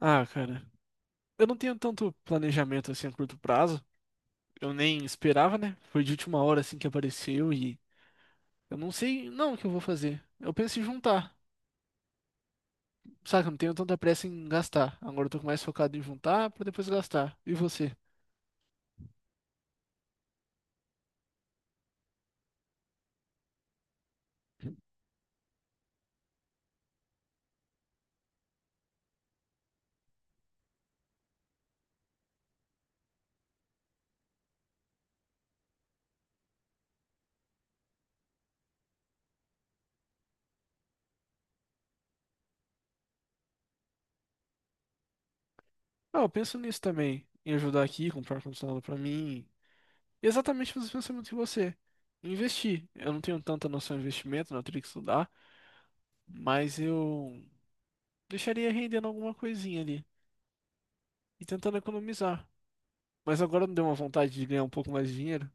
Ah, cara, eu não tenho tanto planejamento assim a curto prazo. Eu nem esperava, né? Foi de última hora assim que apareceu e eu não sei não o que eu vou fazer. Eu penso em juntar, saca? Eu não tenho tanta pressa em gastar. Agora eu tô mais focado em juntar pra depois gastar. E você? Ah, eu penso nisso também, em ajudar aqui, comprar um condicionado pra mim. Exatamente os pensamentos que você. Investir. Eu não tenho tanta noção de investimento, não, eu teria que estudar, mas eu deixaria rendendo alguma coisinha ali e tentando economizar. Mas agora me deu uma vontade de ganhar um pouco mais de dinheiro?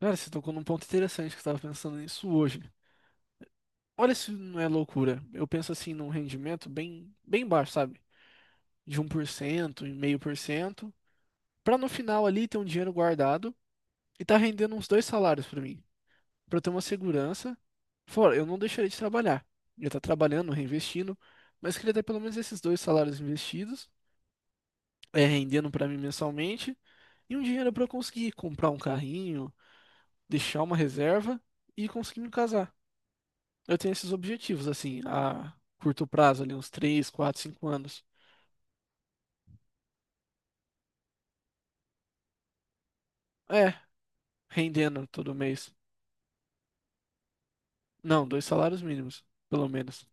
Cara, você tocou num ponto interessante que eu tava pensando nisso hoje. Olha se não é loucura. Eu penso assim num rendimento bem, bem baixo, sabe? De 1%, 0,5%, pra no final ali ter um dinheiro guardado e tá rendendo uns 2 salários pra mim, pra eu ter uma segurança. Fora, eu não deixaria de trabalhar. Eu tá trabalhando, reinvestindo, mas queria ter pelo menos esses 2 salários investidos, é rendendo pra mim mensalmente e um dinheiro pra eu conseguir comprar um carrinho, deixar uma reserva e conseguir me casar. Eu tenho esses objetivos, assim, a curto prazo, ali, uns 3, 4, 5 anos. É, rendendo todo mês. Não, 2 salários mínimos, pelo menos,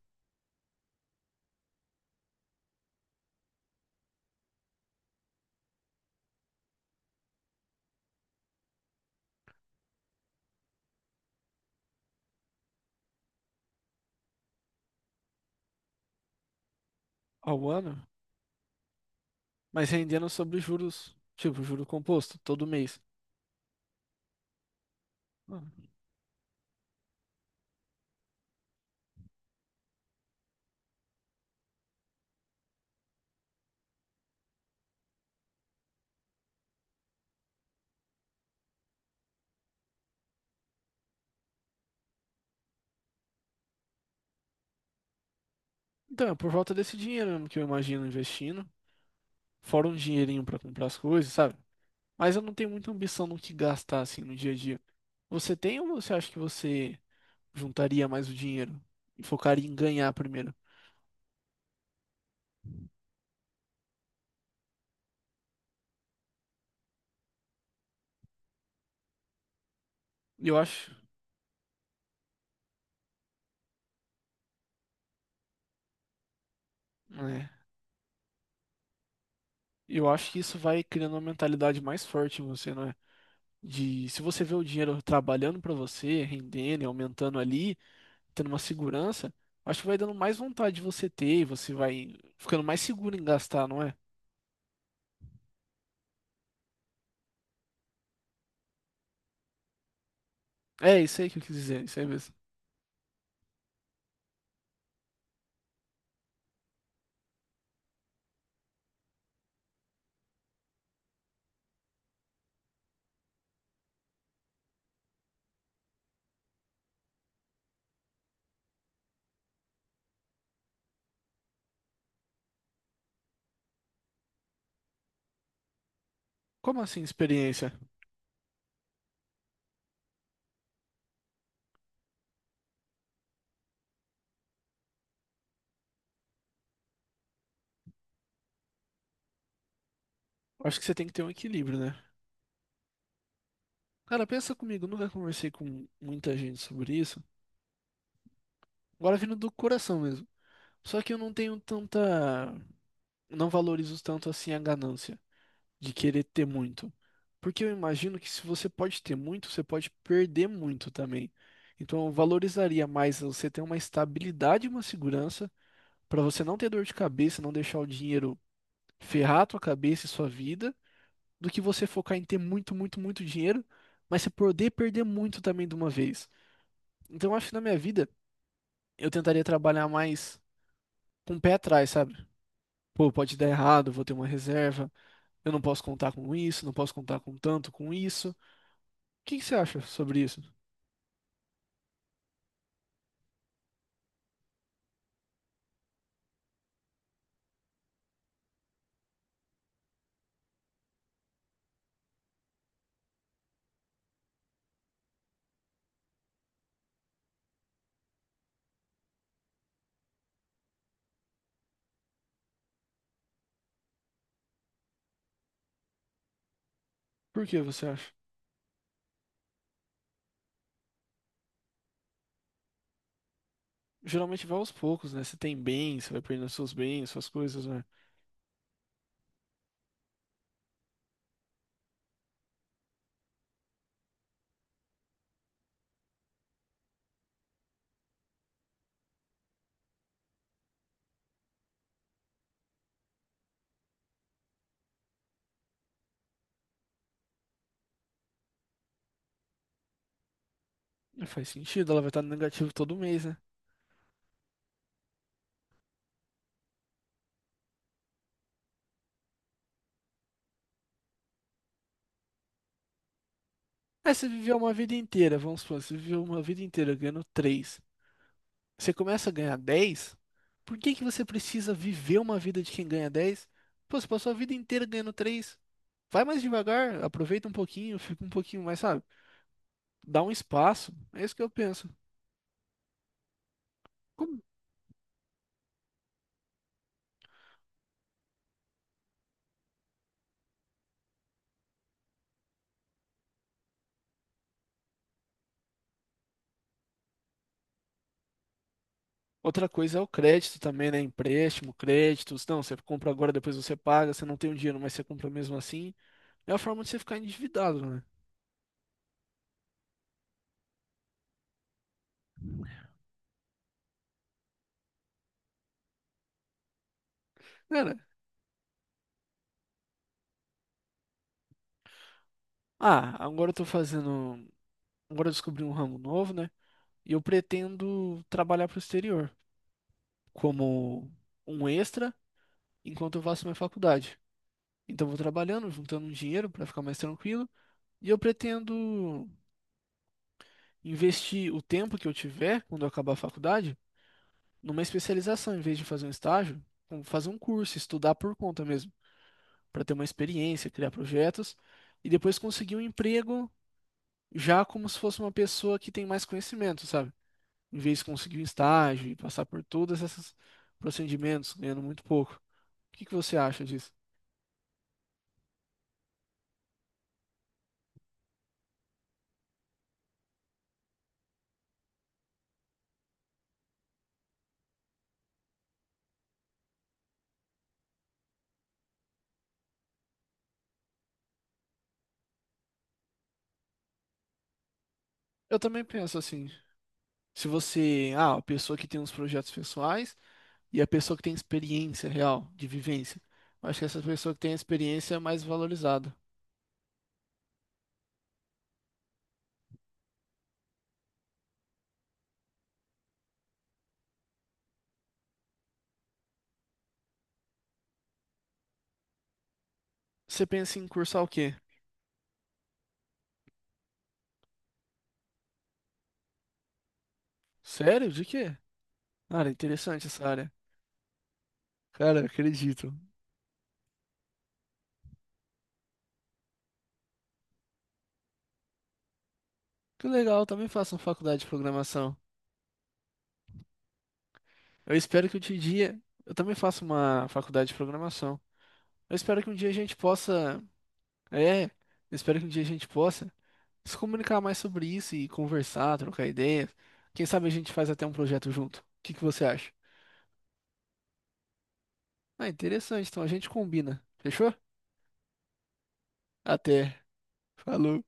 ao ano, mas rendendo sobre juros, tipo, juro composto, todo mês. Então, é por volta desse dinheiro mesmo que eu imagino investindo, fora um dinheirinho pra comprar as coisas, sabe? Mas eu não tenho muita ambição no que gastar, assim, no dia a dia. Você tem ou você acha que você juntaria mais o dinheiro e focaria em ganhar primeiro? Eu acho, é, eu acho que isso vai criando uma mentalidade mais forte em você, não é? De se você vê o dinheiro trabalhando pra você, rendendo, e aumentando ali, tendo uma segurança, acho que vai dando mais vontade de você ter e você vai ficando mais seguro em gastar, não é? É isso aí que eu quis dizer, isso aí mesmo. Como assim experiência? Acho que você tem que ter um equilíbrio, né? Cara, pensa comigo, eu nunca conversei com muita gente sobre isso. Agora vindo do coração mesmo. Só que eu não tenho tanta, não valorizo tanto assim a ganância. De querer ter muito. Porque eu imagino que se você pode ter muito, você pode perder muito também. Então eu valorizaria mais você ter uma estabilidade e uma segurança para você não ter dor de cabeça, não deixar o dinheiro ferrar a tua cabeça e sua vida, do que você focar em ter muito, muito, muito dinheiro, mas você poder perder muito também de uma vez. Então eu acho que na minha vida eu tentaria trabalhar mais com o pé atrás, sabe? Pô, pode dar errado, vou ter uma reserva, eu não posso contar com isso, não posso contar com tanto com isso. O que que você acha sobre isso? Por que você acha? Geralmente vai aos poucos, né? Você tem bens, você vai perdendo seus bens, suas coisas, né? Não faz sentido, ela vai estar no negativo todo mês, né? Aí você viveu uma vida inteira, vamos supor, você viveu uma vida inteira ganhando três. Você começa a ganhar 10? Por que que você precisa viver uma vida de quem ganha 10? Pô, você passou a vida inteira ganhando 3, vai mais devagar, aproveita um pouquinho, fica um pouquinho mais, sabe? Dá um espaço. É isso que eu penso. Como outra coisa é o crédito também, né? Empréstimo, créditos. Não, você compra agora, depois você paga. Você não tem o dinheiro, mas você compra mesmo assim. É a forma de você ficar endividado, né? Cara, ah, agora eu tô fazendo. Agora eu descobri um ramo novo, né? E eu pretendo trabalhar pro exterior como um extra enquanto eu faço minha faculdade. Então eu vou trabalhando, juntando um dinheiro para ficar mais tranquilo. E eu pretendo investir o tempo que eu tiver quando eu acabar a faculdade, numa especialização, em vez de fazer um estágio, fazer um curso, estudar por conta mesmo, para ter uma experiência, criar projetos e depois conseguir um emprego já como se fosse uma pessoa que tem mais conhecimento, sabe? Em vez de conseguir um estágio e passar por todos esses procedimentos, ganhando muito pouco. O que que você acha disso? Eu também penso assim, se você, ah, a pessoa que tem uns projetos pessoais e a pessoa que tem experiência real de vivência, eu acho que essa pessoa que tem a experiência é mais valorizada. Você pensa em cursar o quê? Sério? De quê? Cara, interessante essa área. Cara, eu acredito. Que legal, eu também faço uma faculdade de programação. Eu espero que um dia. Eu também faço uma faculdade de programação. Eu espero que um dia a gente possa. É, eu espero que um dia a gente possa se comunicar mais sobre isso e conversar, trocar ideias. Quem sabe a gente faz até um projeto junto. O que que você acha? Ah, interessante. Então a gente combina. Fechou? Até. Falou.